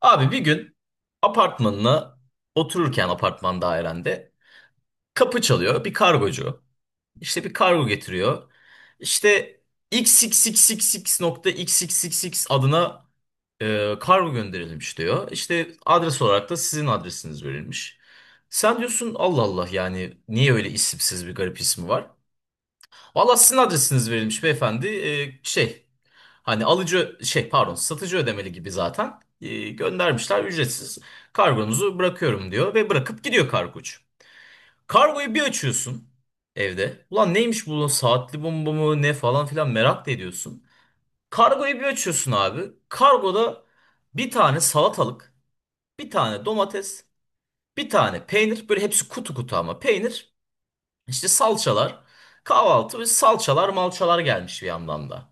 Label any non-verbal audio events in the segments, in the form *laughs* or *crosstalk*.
Abi bir gün apartmanına otururken apartman dairende kapı çalıyor bir kargocu. İşte bir kargo getiriyor. İşte xxxxx.xxxx adına kargo gönderilmiş diyor. İşte adres olarak da sizin adresiniz verilmiş. Sen diyorsun Allah Allah yani niye öyle isimsiz bir garip ismi var? Valla sizin adresiniz verilmiş beyefendi. Hani alıcı şey pardon satıcı ödemeli gibi zaten. Göndermişler ücretsiz. Kargonuzu bırakıyorum diyor ve bırakıp gidiyor kargocu. Kargoyu bir açıyorsun evde. Ulan neymiş bu, saatli bomba mı ne falan filan merak da ediyorsun. Kargoyu bir açıyorsun abi. Kargoda bir tane salatalık, bir tane domates, bir tane peynir. Böyle hepsi kutu kutu ama peynir. İşte salçalar, kahvaltı ve salçalar malçalar gelmiş bir yandan da.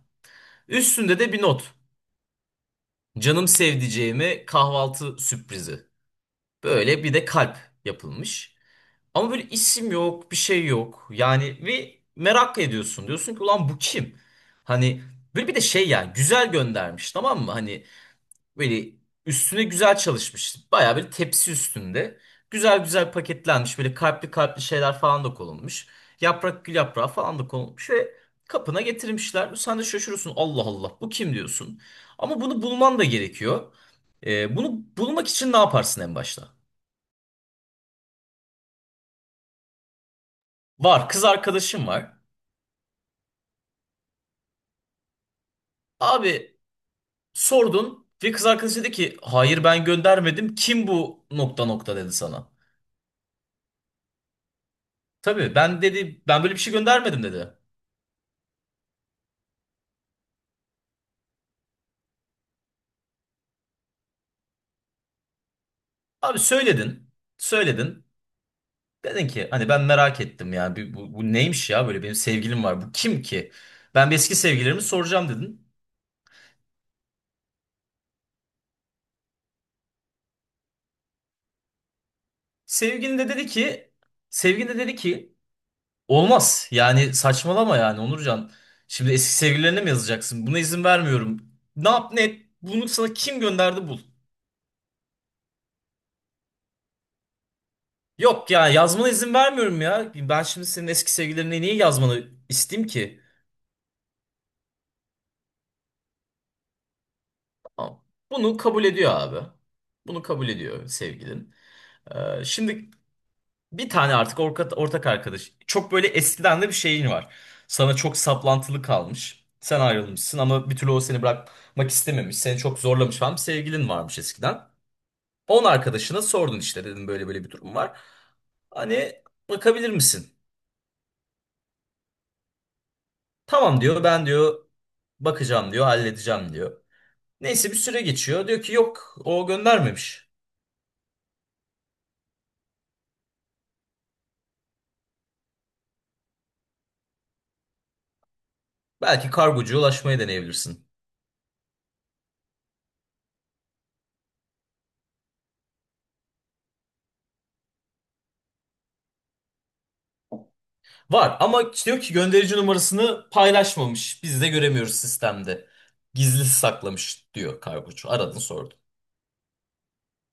Üstünde de bir not. Canım sevdiceğime kahvaltı sürprizi. Böyle bir de kalp yapılmış. Ama böyle isim yok, bir şey yok. Yani ve merak ediyorsun. Diyorsun ki ulan bu kim? Hani böyle bir de şey, yani güzel göndermiş, tamam mı? Hani böyle üstüne güzel çalışmış. Bayağı böyle tepsi üstünde. Güzel güzel paketlenmiş. Böyle kalpli kalpli şeyler falan da konulmuş. Yaprak, gül yaprağı falan da konulmuş ve kapına getirmişler. Sen de şaşırıyorsun. Allah Allah bu kim diyorsun. Ama bunu bulman da gerekiyor. Bunu bulmak için ne yaparsın en başta? Var, kız arkadaşım var. Abi sordun ve kız arkadaşı dedi ki hayır ben göndermedim. Kim bu nokta nokta dedi sana. Tabii ben dedi, ben böyle bir şey göndermedim dedi. Abi söyledin. Söyledin. Dedin ki hani ben merak ettim ya. Bu neymiş ya, böyle benim sevgilim var. Bu kim ki? Ben bir eski sevgililerimi soracağım dedin. Sevgilin de dedi ki sevgilin de dedi ki olmaz. Yani saçmalama yani Onurcan. Şimdi eski sevgililerine mi yazacaksın? Buna izin vermiyorum. Ne yap ne et. Bunu sana kim gönderdi bul. Yok ya, yazmana izin vermiyorum ya. Ben şimdi senin eski sevgililerine niye yazmanı isteyeyim ki? Tamam. Bunu kabul ediyor abi. Bunu kabul ediyor sevgilin. Şimdi bir tane artık ortak arkadaş. Çok böyle eskiden de bir şeyin var. Sana çok saplantılı kalmış. Sen ayrılmışsın ama bir türlü o seni bırakmak istememiş. Seni çok zorlamış falan, bir sevgilin varmış eskiden. Onun arkadaşına sordun, işte dedim böyle böyle bir durum var. Hani bakabilir misin? Tamam diyor, ben diyor bakacağım diyor, halledeceğim diyor. Neyse bir süre geçiyor. Diyor ki yok, o göndermemiş. Belki kargocuya ulaşmayı deneyebilirsin. Var ama işte diyor ki gönderici numarasını paylaşmamış. Biz de göremiyoruz sistemde. Gizli saklamış diyor kargocu. Aradın sordun.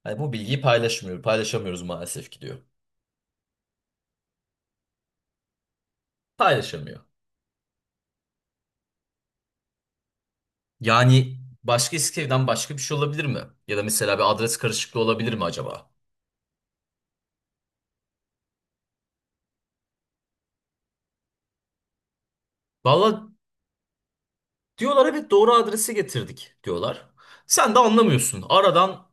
Hani bu bilgiyi paylaşmıyor. Paylaşamıyoruz maalesef ki diyor. Paylaşamıyor. Yani başka, Eskişehir'den başka bir şey olabilir mi? Ya da mesela bir adres karışıklığı olabilir mi acaba? Valla diyorlar evet doğru adresi getirdik diyorlar. Sen de anlamıyorsun. Aradan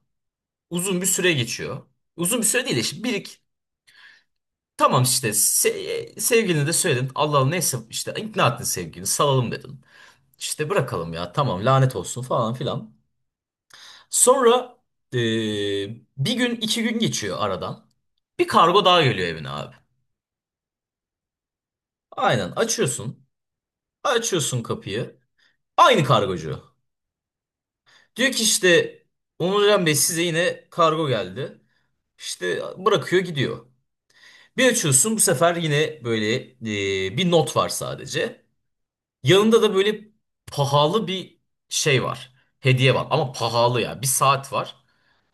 uzun bir süre geçiyor. Uzun bir süre değil de işte 1 Tamam işte se sevgilini de söyledin. Allah Allah neyse, işte ikna ettin sevgilini, salalım dedin. İşte bırakalım ya, tamam, lanet olsun falan filan. Sonra e, bir gün iki gün geçiyor aradan. Bir kargo daha geliyor evine abi. Aynen açıyorsun. Açıyorsun kapıyı. Aynı kargocu. Diyor ki işte Onurcan Bey size yine kargo geldi. İşte bırakıyor gidiyor. Bir açıyorsun bu sefer yine böyle bir not var sadece. Yanında da böyle pahalı bir şey var. Hediye var ama pahalı ya. Bir saat var.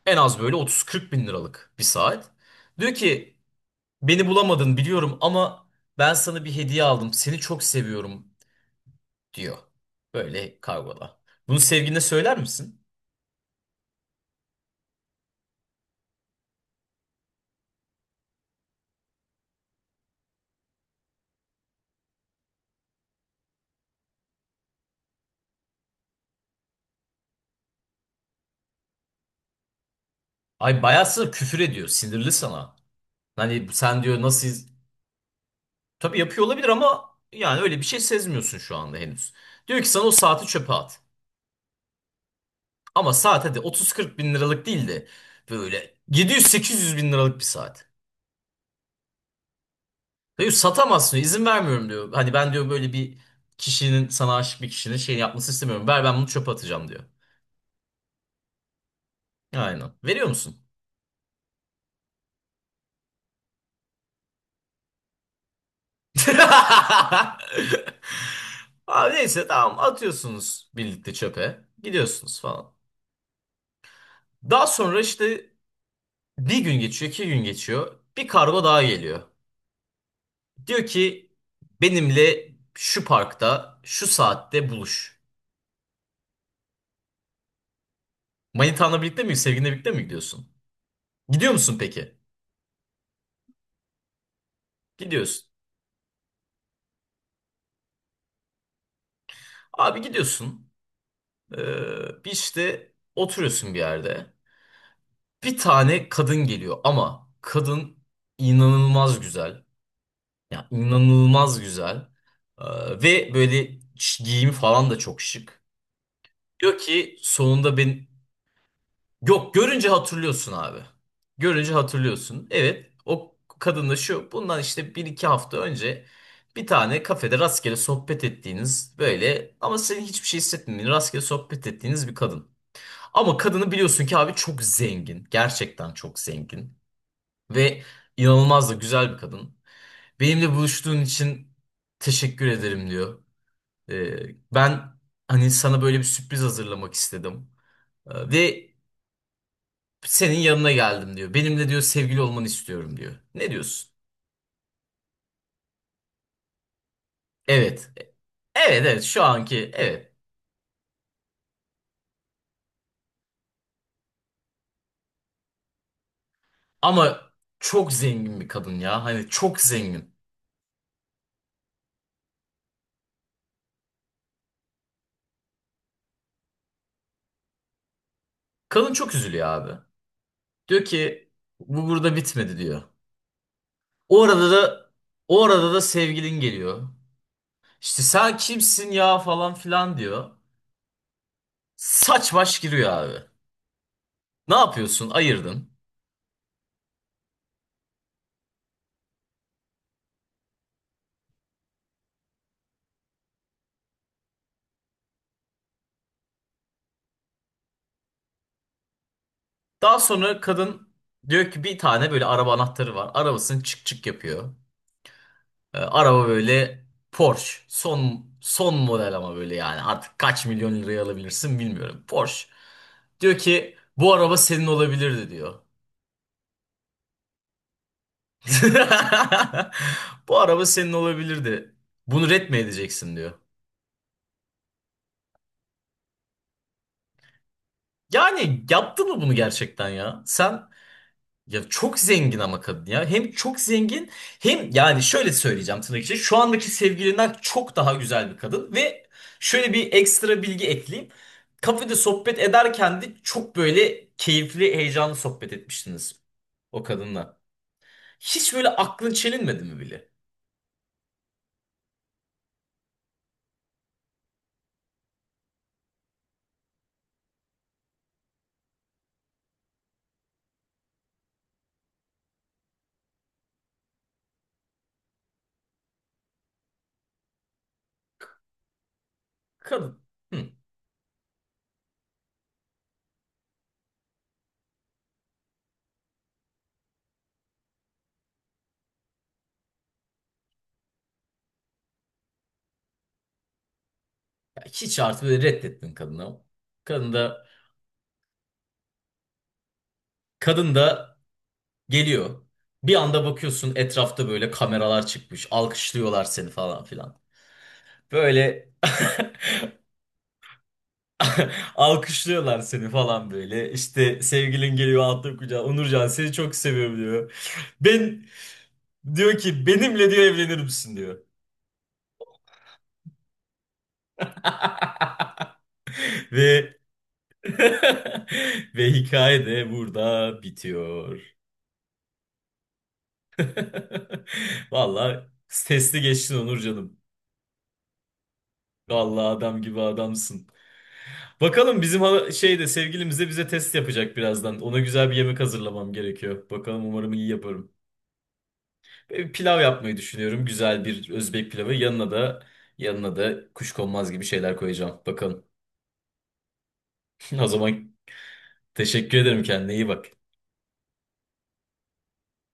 En az böyle 30-40 bin liralık bir saat. Diyor ki beni bulamadın biliyorum ama ben sana bir hediye aldım. Seni çok seviyorum diyor. Böyle kavgada. Bunu sevgiline söyler misin? Ay, bayağı sana küfür ediyor. Sinirli sana. Hani sen diyor nasıl... Tabii yapıyor olabilir ama yani öyle bir şey sezmiyorsun şu anda henüz. Diyor ki sana o saati çöpe at. Ama saat hadi 30-40 bin liralık değil de böyle 700-800 bin liralık bir saat. Diyor satamazsın diyor, izin vermiyorum diyor. Hani ben diyor böyle bir kişinin, sana aşık bir kişinin şey yapmasını istemiyorum. Ver, ben bunu çöpe atacağım diyor. Aynen. Veriyor musun? *laughs* Abi neyse tamam, atıyorsunuz birlikte çöpe. Gidiyorsunuz falan. Daha sonra işte bir gün geçiyor, iki gün geçiyor. Bir kargo daha geliyor. Diyor ki benimle şu parkta şu saatte buluş. Manitanla birlikte mi, sevgilinle birlikte mi gidiyorsun? Gidiyor musun peki? Gidiyorsun. Abi gidiyorsun. Bir işte oturuyorsun bir yerde. Bir tane kadın geliyor ama kadın inanılmaz güzel. Yani inanılmaz güzel. Ve böyle giyimi falan da çok şık. Diyor ki sonunda ben. Yok, görünce hatırlıyorsun abi. Görünce hatırlıyorsun. Evet, o kadınla şu bundan işte bir iki hafta önce bir tane kafede rastgele sohbet ettiğiniz, böyle ama senin hiçbir şey hissetmediğin rastgele sohbet ettiğiniz bir kadın. Ama kadını biliyorsun ki abi çok zengin. Gerçekten çok zengin. Ve inanılmaz da güzel bir kadın. Benimle buluştuğun için teşekkür ederim diyor. Ben hani sana böyle bir sürpriz hazırlamak istedim. Ve senin yanına geldim diyor. Benimle diyor sevgili olmanı istiyorum diyor. Ne diyorsun? Evet. Evet evet, şu anki, evet. Ama çok zengin bir kadın ya. Hani çok zengin. Kadın çok üzülüyor abi. Diyor ki bu burada bitmedi diyor. O arada da o arada da sevgilin geliyor. İşte sen kimsin ya falan filan diyor. Saç baş giriyor abi. Ne yapıyorsun? Ayırdın. Daha sonra kadın diyor ki bir tane böyle araba anahtarı var. Arabasını çık çık yapıyor. Araba böyle Porsche. Son son model ama böyle yani. Artık kaç milyon liraya alabilirsin bilmiyorum. Porsche. Diyor ki bu araba senin olabilirdi diyor. *laughs* Bu araba senin olabilirdi. Bunu ret mi edeceksin diyor. Yani yaptı mı bunu gerçekten ya? Sen. Ya çok zengin ama kadın ya. Hem çok zengin hem, yani şöyle söyleyeceğim, tırnak içinde, şu andaki sevgilinden çok daha güzel bir kadın. Ve şöyle bir ekstra bilgi ekleyeyim. Kafede sohbet ederken de çok böyle keyifli, heyecanlı sohbet etmiştiniz o kadınla. Hiç böyle aklın çelinmedi mi bile? Kadın. Hı. Ya hiç, artık böyle reddettin kadını. Kadın da, kadın da geliyor. Bir anda bakıyorsun etrafta böyle kameralar çıkmış. Alkışlıyorlar seni falan filan. Böyle *laughs* alkışlıyorlar seni falan böyle. İşte sevgilin geliyor altın kucağa. Onurcan seni çok seviyorum diyor. Ben diyor ki benimle diyor evlenir misin diyor. *laughs* Ve *laughs* ve hikaye de burada bitiyor. *laughs* Vallahi testi geçtin Onur. Vallahi adam gibi adamsın. Bakalım bizim şeyde sevgilimiz de bize test yapacak birazdan. Ona güzel bir yemek hazırlamam gerekiyor. Bakalım umarım iyi yaparım. Pilav yapmayı düşünüyorum. Güzel bir Özbek pilavı. Yanına da kuşkonmaz gibi şeyler koyacağım. Bakalım. *laughs* O zaman teşekkür ederim. Kendine iyi bak.